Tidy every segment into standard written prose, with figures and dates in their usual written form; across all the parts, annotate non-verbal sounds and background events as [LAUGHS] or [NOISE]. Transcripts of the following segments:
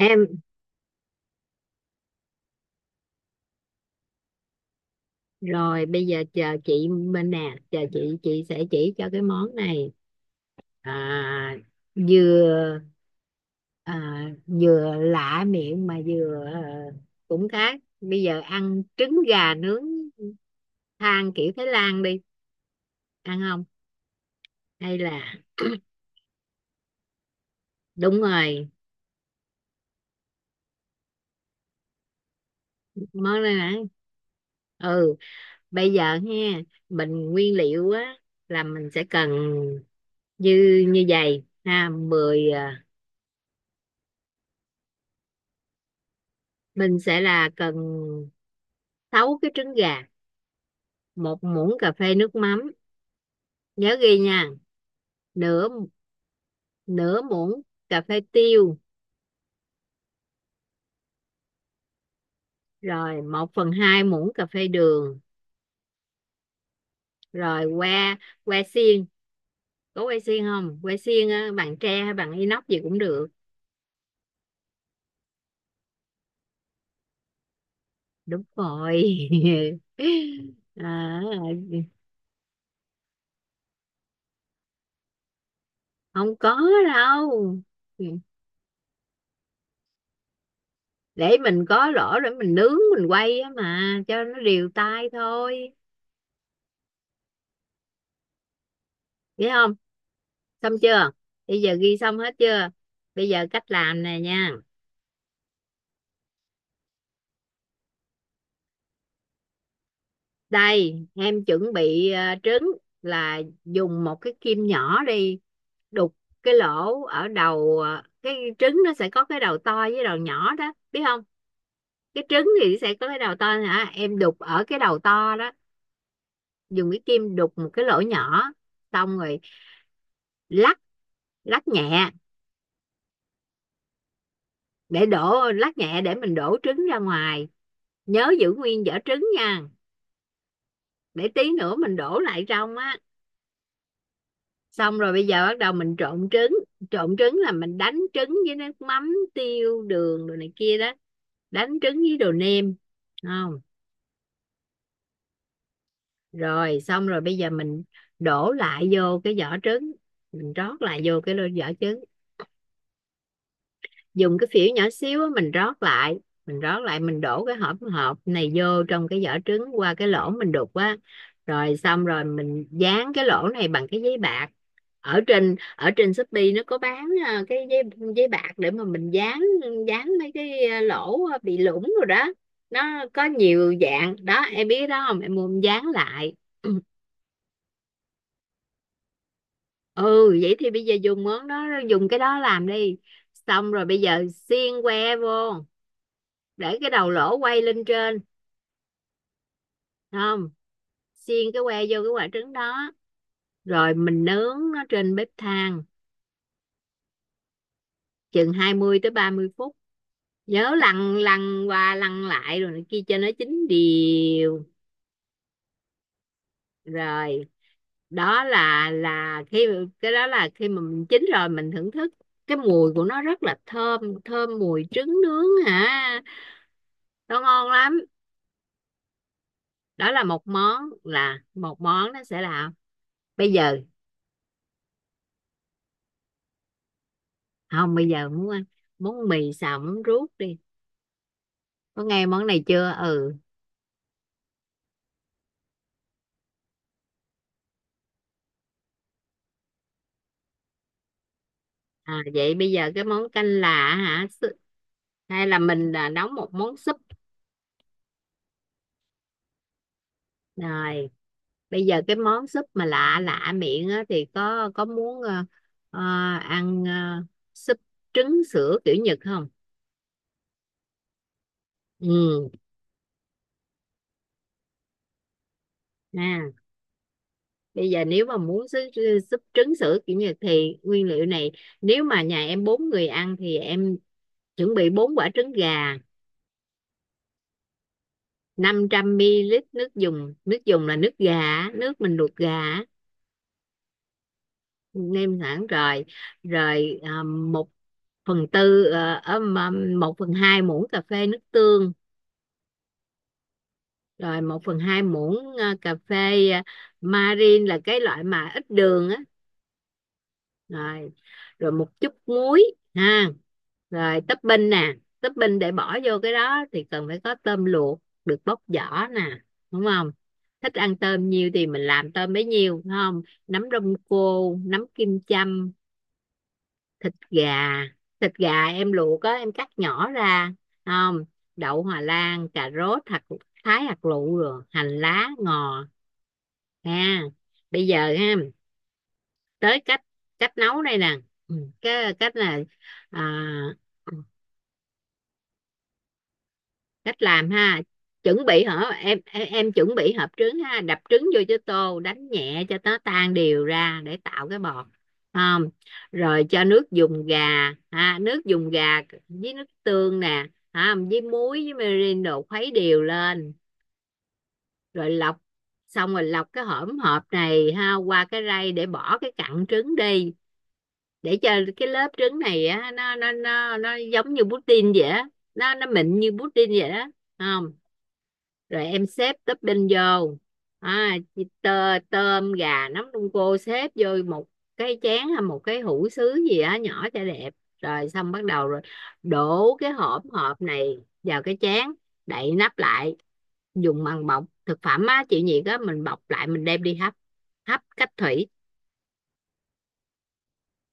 Em. Rồi bây giờ chờ chị Minh nè, chờ chị sẽ chỉ cho cái món này, à, vừa vừa lạ miệng, mà vừa cũng khác. Bây giờ ăn trứng gà nướng than kiểu Thái Lan đi, ăn không? Hay là... đúng rồi, món này nè. Ừ, bây giờ ha mình nguyên liệu á là mình sẽ cần như như vậy ha. Mình sẽ là cần 6 cái trứng gà, một muỗng cà phê nước mắm. Nhớ ghi nha. Nửa nửa muỗng cà phê tiêu, rồi một phần hai muỗng cà phê đường. Rồi que que xiên, có que xiên không? Que xiên á, bằng tre hay bằng inox gì cũng được. Đúng rồi. [LAUGHS] À, không có đâu, để mình có lỗ để mình nướng mình quay á, mà cho nó đều tay thôi. Vậy không, xong chưa? Bây giờ ghi xong hết chưa? Bây giờ cách làm nè nha. Đây em chuẩn bị trứng, là dùng một cái kim nhỏ đi đục cái lỗ ở đầu. Ờ, cái trứng nó sẽ có cái đầu to với đầu nhỏ đó, biết không? Cái trứng thì sẽ có cái đầu to hả, em đục ở cái đầu to đó, dùng cái kim đục một cái lỗ nhỏ. Xong rồi lắc, lắc nhẹ để đổ, lắc nhẹ để mình đổ trứng ra ngoài. Nhớ giữ nguyên vỏ trứng nha, để tí nữa mình đổ lại trong á. Xong rồi bây giờ bắt đầu mình trộn trứng. Trộn trứng là mình đánh trứng với nước mắm, tiêu, đường, đồ này kia đó. Đánh trứng với đồ nêm, không? Rồi xong rồi bây giờ mình đổ lại vô cái vỏ trứng, mình rót lại vô cái lô vỏ trứng. Dùng cái phễu nhỏ xíu mình rót lại, mình đổ cái hỗn hợp này vô trong cái vỏ trứng qua cái lỗ mình đục á. Rồi xong rồi mình dán cái lỗ này bằng cái giấy bạc. Ở trên Shopee nó có bán à, cái giấy, giấy bạc để mà mình dán, dán mấy cái lỗ bị lủng rồi đó. Nó có nhiều dạng đó em biết đó không, em mua em dán lại. [CLEARS THROAT] Ừ, vậy thì bây giờ dùng món đó dùng cái đó làm đi. Xong rồi bây giờ xiên que vô, để cái đầu lỗ quay lên trên, không? Xiên cái que vô cái quả trứng đó, rồi mình nướng nó trên bếp than chừng 20-30 phút. Nhớ lăn, lăn qua lăn lại rồi kia cho nó chín đều. Rồi đó là khi... cái đó là khi mà mình chín rồi mình thưởng thức, cái mùi của nó rất là thơm, thơm mùi trứng nướng hả, nó ngon lắm. Đó là một món, là một món nó sẽ là... bây giờ không, bây giờ muốn ăn món mì xào món ruốc đi. Có nghe món này chưa? Ừ. À, vậy bây giờ cái món canh là hả, hay là mình là nấu một món súp. Rồi bây giờ cái món súp mà lạ lạ miệng á, thì có muốn ờ, ăn súp trứng sữa kiểu Nhật không? Ừ. À, bây giờ nếu mà muốn súp, súp trứng sữa kiểu Nhật thì nguyên liệu này. Nếu mà nhà em bốn người ăn thì em chuẩn bị bốn quả trứng gà, 500 ml nước dùng, nước dùng là nước gà, nước mình luộc gà á, nêm sẵn rồi. Rồi một phần tư một phần hai muỗng cà phê nước tương, rồi một phần hai muỗng cà phê marin là cái loại mà ít đường á. Rồi, rồi một chút muối ha. Rồi topping nè, topping để bỏ vô cái đó thì cần phải có tôm luộc được bóc vỏ nè, đúng không? Thích ăn tôm nhiều thì mình làm tôm bấy nhiêu, đúng không? Nấm đông cô, nấm kim châm, thịt gà. Thịt gà em luộc á em cắt nhỏ ra, đúng không? Đậu hòa lan, cà rốt hạt thái hạt lựu, rồi hành lá, ngò ha. Bây giờ ha tới cách, cách nấu đây nè. Ừ, cái cách là à, cách làm ha. Chuẩn bị hả em, em chuẩn bị hộp trứng ha, đập trứng vô cho tô đánh nhẹ cho nó tan đều ra để tạo cái bọt, không? Rồi cho nước dùng gà ha, nước dùng gà với nước tương nè ha, với muối, với mirin đồ, khuấy đều lên. Rồi lọc, xong rồi lọc cái hỗn hợp này ha qua cái rây để bỏ cái cặn trứng đi, để cho cái lớp trứng này á nó giống như pudding vậy á, nó mịn như pudding vậy đó, không? Rồi em xếp topping vô, tôm gà nấm đông cô xếp vô một cái chén hay một cái hũ sứ gì á nhỏ cho đẹp. Rồi xong bắt đầu rồi, đổ cái hỗn hợp này vào cái chén, đậy nắp lại, dùng bằng bọc thực phẩm á chịu nhiệt á, mình bọc lại mình đem đi hấp, hấp cách thủy.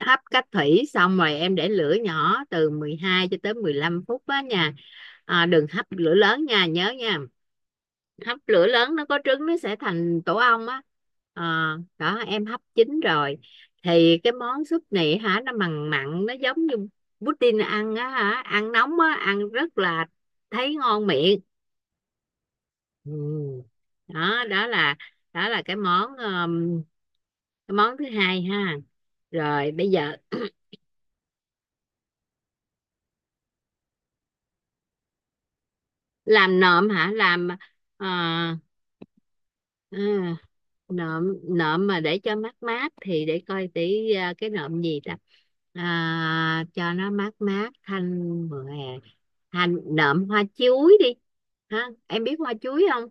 Hấp cách thủy xong rồi em để lửa nhỏ từ 12-15 phút á nha. À, đừng hấp lửa lớn nha, nhớ nha. Hấp lửa lớn nó có trứng nó sẽ thành tổ ong á. À, đó em hấp chín rồi thì cái món súp này hả, nó mặn mặn, nó giống như pudding ăn á hả, ăn nóng á, ăn rất là thấy ngon miệng. Ừ. Đó đó là, đó là cái món thứ hai ha. Rồi bây giờ làm nộm hả, làm à, nộm, nộm mà để cho mát mát thì để coi tí à, cái nộm gì ta, à, cho nó mát mát thanh mùa hè. Hành nộm hoa chuối đi ha, em biết hoa chuối không?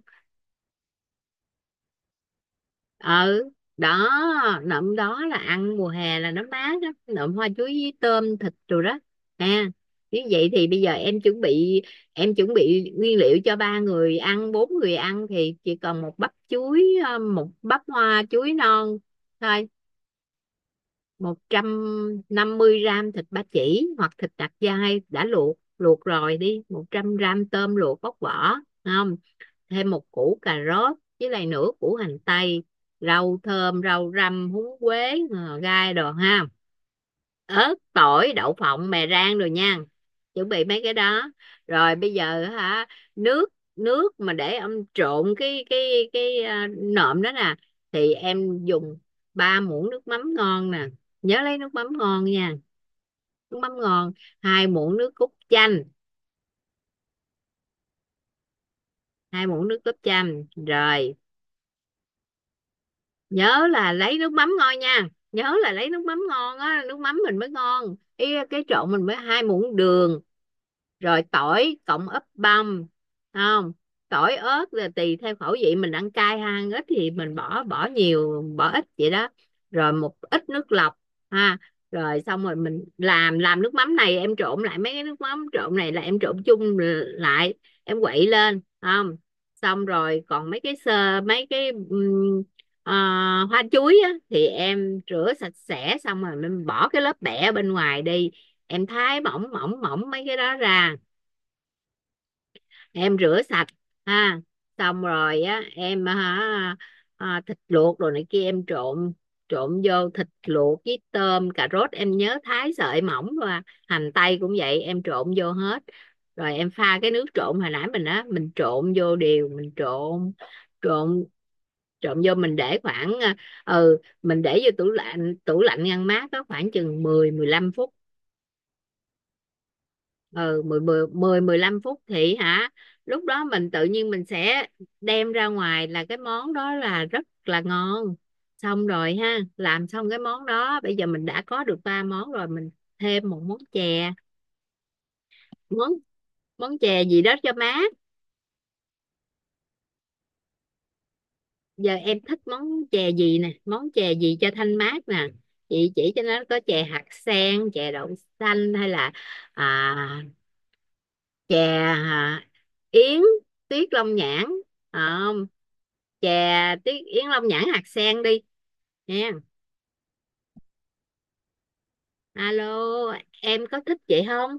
Ừ, đó. Nậm đó là ăn mùa hè là nó mát lắm, nậm hoa chuối với tôm thịt rồi đó nè. Như vậy thì bây giờ em chuẩn bị, em chuẩn bị nguyên liệu cho ba người ăn bốn người ăn thì chỉ còn một bắp chuối, một bắp hoa chuối non thôi. 150 g thịt ba chỉ hoặc thịt nạc dai đã luộc, luộc rồi đi, 100 g tôm luộc bóc vỏ, không? Thêm một củ cà rốt với lại nửa củ hành tây, rau thơm, rau răm, húng quế, gai đồ ha, ớt, tỏi, đậu phộng, mè rang rồi nha. Chuẩn bị mấy cái đó. Rồi bây giờ hả, nước, nước mà để ông trộn cái nộm đó nè, thì em dùng ba muỗng nước mắm ngon nè. Nhớ lấy nước mắm ngon nha, nước mắm ngon. Hai muỗng nước cốt chanh, hai muỗng nước cốt chanh rồi. Nhớ là lấy nước mắm ngon nha, nhớ là lấy nước mắm ngon á, nước mắm mình mới ngon ý, cái trộn mình mới hai muỗng đường. Rồi tỏi cộng ớt băm, không? Tỏi ớt là tùy theo khẩu vị mình ăn cay hay ăn ít thì mình bỏ bỏ nhiều bỏ ít vậy đó. Rồi một ít nước lọc ha. Rồi xong rồi mình làm nước mắm này, em trộn lại mấy cái nước mắm trộn này là em trộn chung lại, em quậy lên không. Xong rồi còn mấy cái sơ mấy cái ờ, hoa chuối á, thì em rửa sạch sẽ xong rồi mình bỏ cái lớp bẹ bên ngoài đi, em thái mỏng mỏng mỏng mấy cái đó ra, em rửa sạch ha. Xong rồi á em hả, thịt luộc rồi này kia em trộn, trộn vô thịt luộc với tôm cà rốt em nhớ thái sợi mỏng và hành tây cũng vậy em trộn vô hết. Rồi em pha cái nước trộn hồi nãy mình á mình trộn vô đều, mình trộn trộn trộn vô, mình để khoảng ừ, mình để vô tủ lạnh, tủ lạnh ngăn mát có khoảng chừng mười mười lăm phút. Ừ, 10 10 10 15 phút thì hả, lúc đó mình tự nhiên mình sẽ đem ra ngoài là cái món đó là rất là ngon. Xong rồi ha làm xong cái món đó bây giờ mình đã có được ba món rồi, mình thêm một món chè, món... món chè gì đó cho mát. Giờ em thích món chè gì nè, món chè gì cho thanh mát nè, chị chỉ cho. Nó có chè hạt sen, chè đậu xanh hay là à, chè yến tuyết long nhãn. Ờ, chè tí Yến Long nhãn hạt sen đi nha. Alo, em có thích vậy không?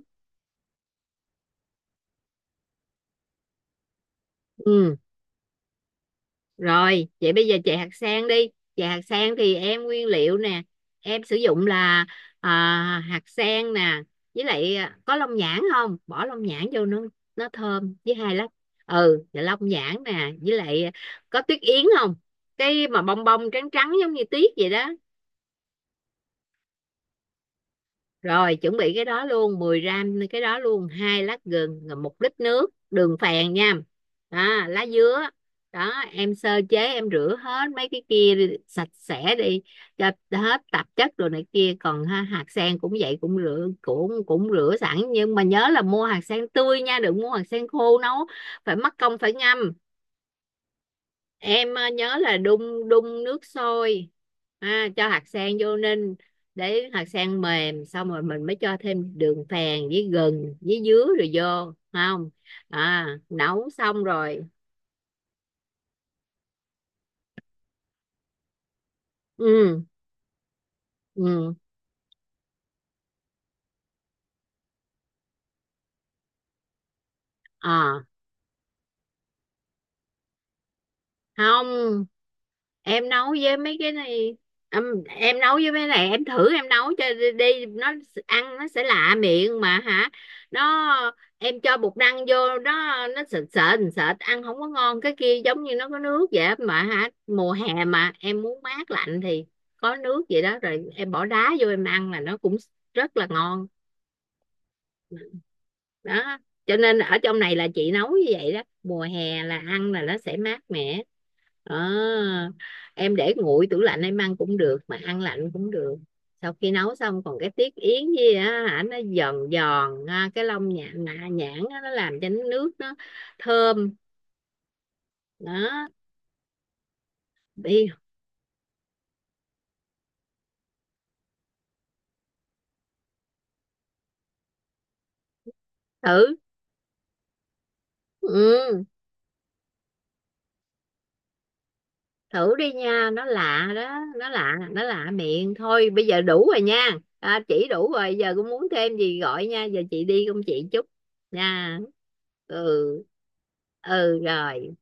Ừ. Rồi vậy bây giờ chè hạt sen đi. Chè hạt sen thì em nguyên liệu nè, em sử dụng là à, hạt sen nè, với lại có long nhãn không? Bỏ long nhãn vô nó thơm, với hai lát. Ừ, và long nhãn nè, với lại có tuyết yến không? Cái mà bông bông trắng trắng giống như tuyết vậy đó. Rồi chuẩn bị cái đó luôn 10 gram cái đó luôn, hai lát gừng, rồi 1 lít nước đường phèn nha. Đó, lá dứa. Đó em sơ chế em rửa hết mấy cái kia đi, sạch sẽ đi cho hết tạp chất rồi này kia, còn ha hạt sen cũng vậy cũng rửa cũng cũng rửa sẵn nhưng mà nhớ là mua hạt sen tươi nha, đừng mua hạt sen khô nấu phải mất công phải ngâm. Em nhớ là đun đun nước sôi ha, cho hạt sen vô ninh để hạt sen mềm, xong rồi mình mới cho thêm đường phèn với gừng với dứa rồi vô, không? À nấu xong rồi. Ừ, ừ. À không, em nấu với mấy cái này, em nấu với mấy này em thử em nấu cho đi, đi nó ăn nó sẽ lạ miệng mà hả. Nó... em cho bột năng vô nó sệt sệt sệt ăn không có ngon. Cái kia giống như nó có nước vậy á mà hả, mùa hè mà em muốn mát lạnh thì có nước vậy đó rồi em bỏ đá vô em ăn là nó cũng rất là ngon. Đó, cho nên ở trong này là chị nấu như vậy đó, mùa hè là ăn là nó sẽ mát mẻ. À, em để nguội tủ lạnh em ăn cũng được mà ăn lạnh cũng được. Sau khi nấu xong còn cái tiết yến gì á, hả nó giòn giòn ha, cái lông nhãn nhãn á, nó làm cho nước nó thơm. Đó đi thử. Ừ, thử đi nha, nó lạ đó, nó lạ, nó lạ miệng thôi. Bây giờ đủ rồi nha, à chỉ đủ rồi, giờ cũng muốn thêm gì gọi nha, giờ chị đi công chị chút. Nha. Ừ. Ừ rồi.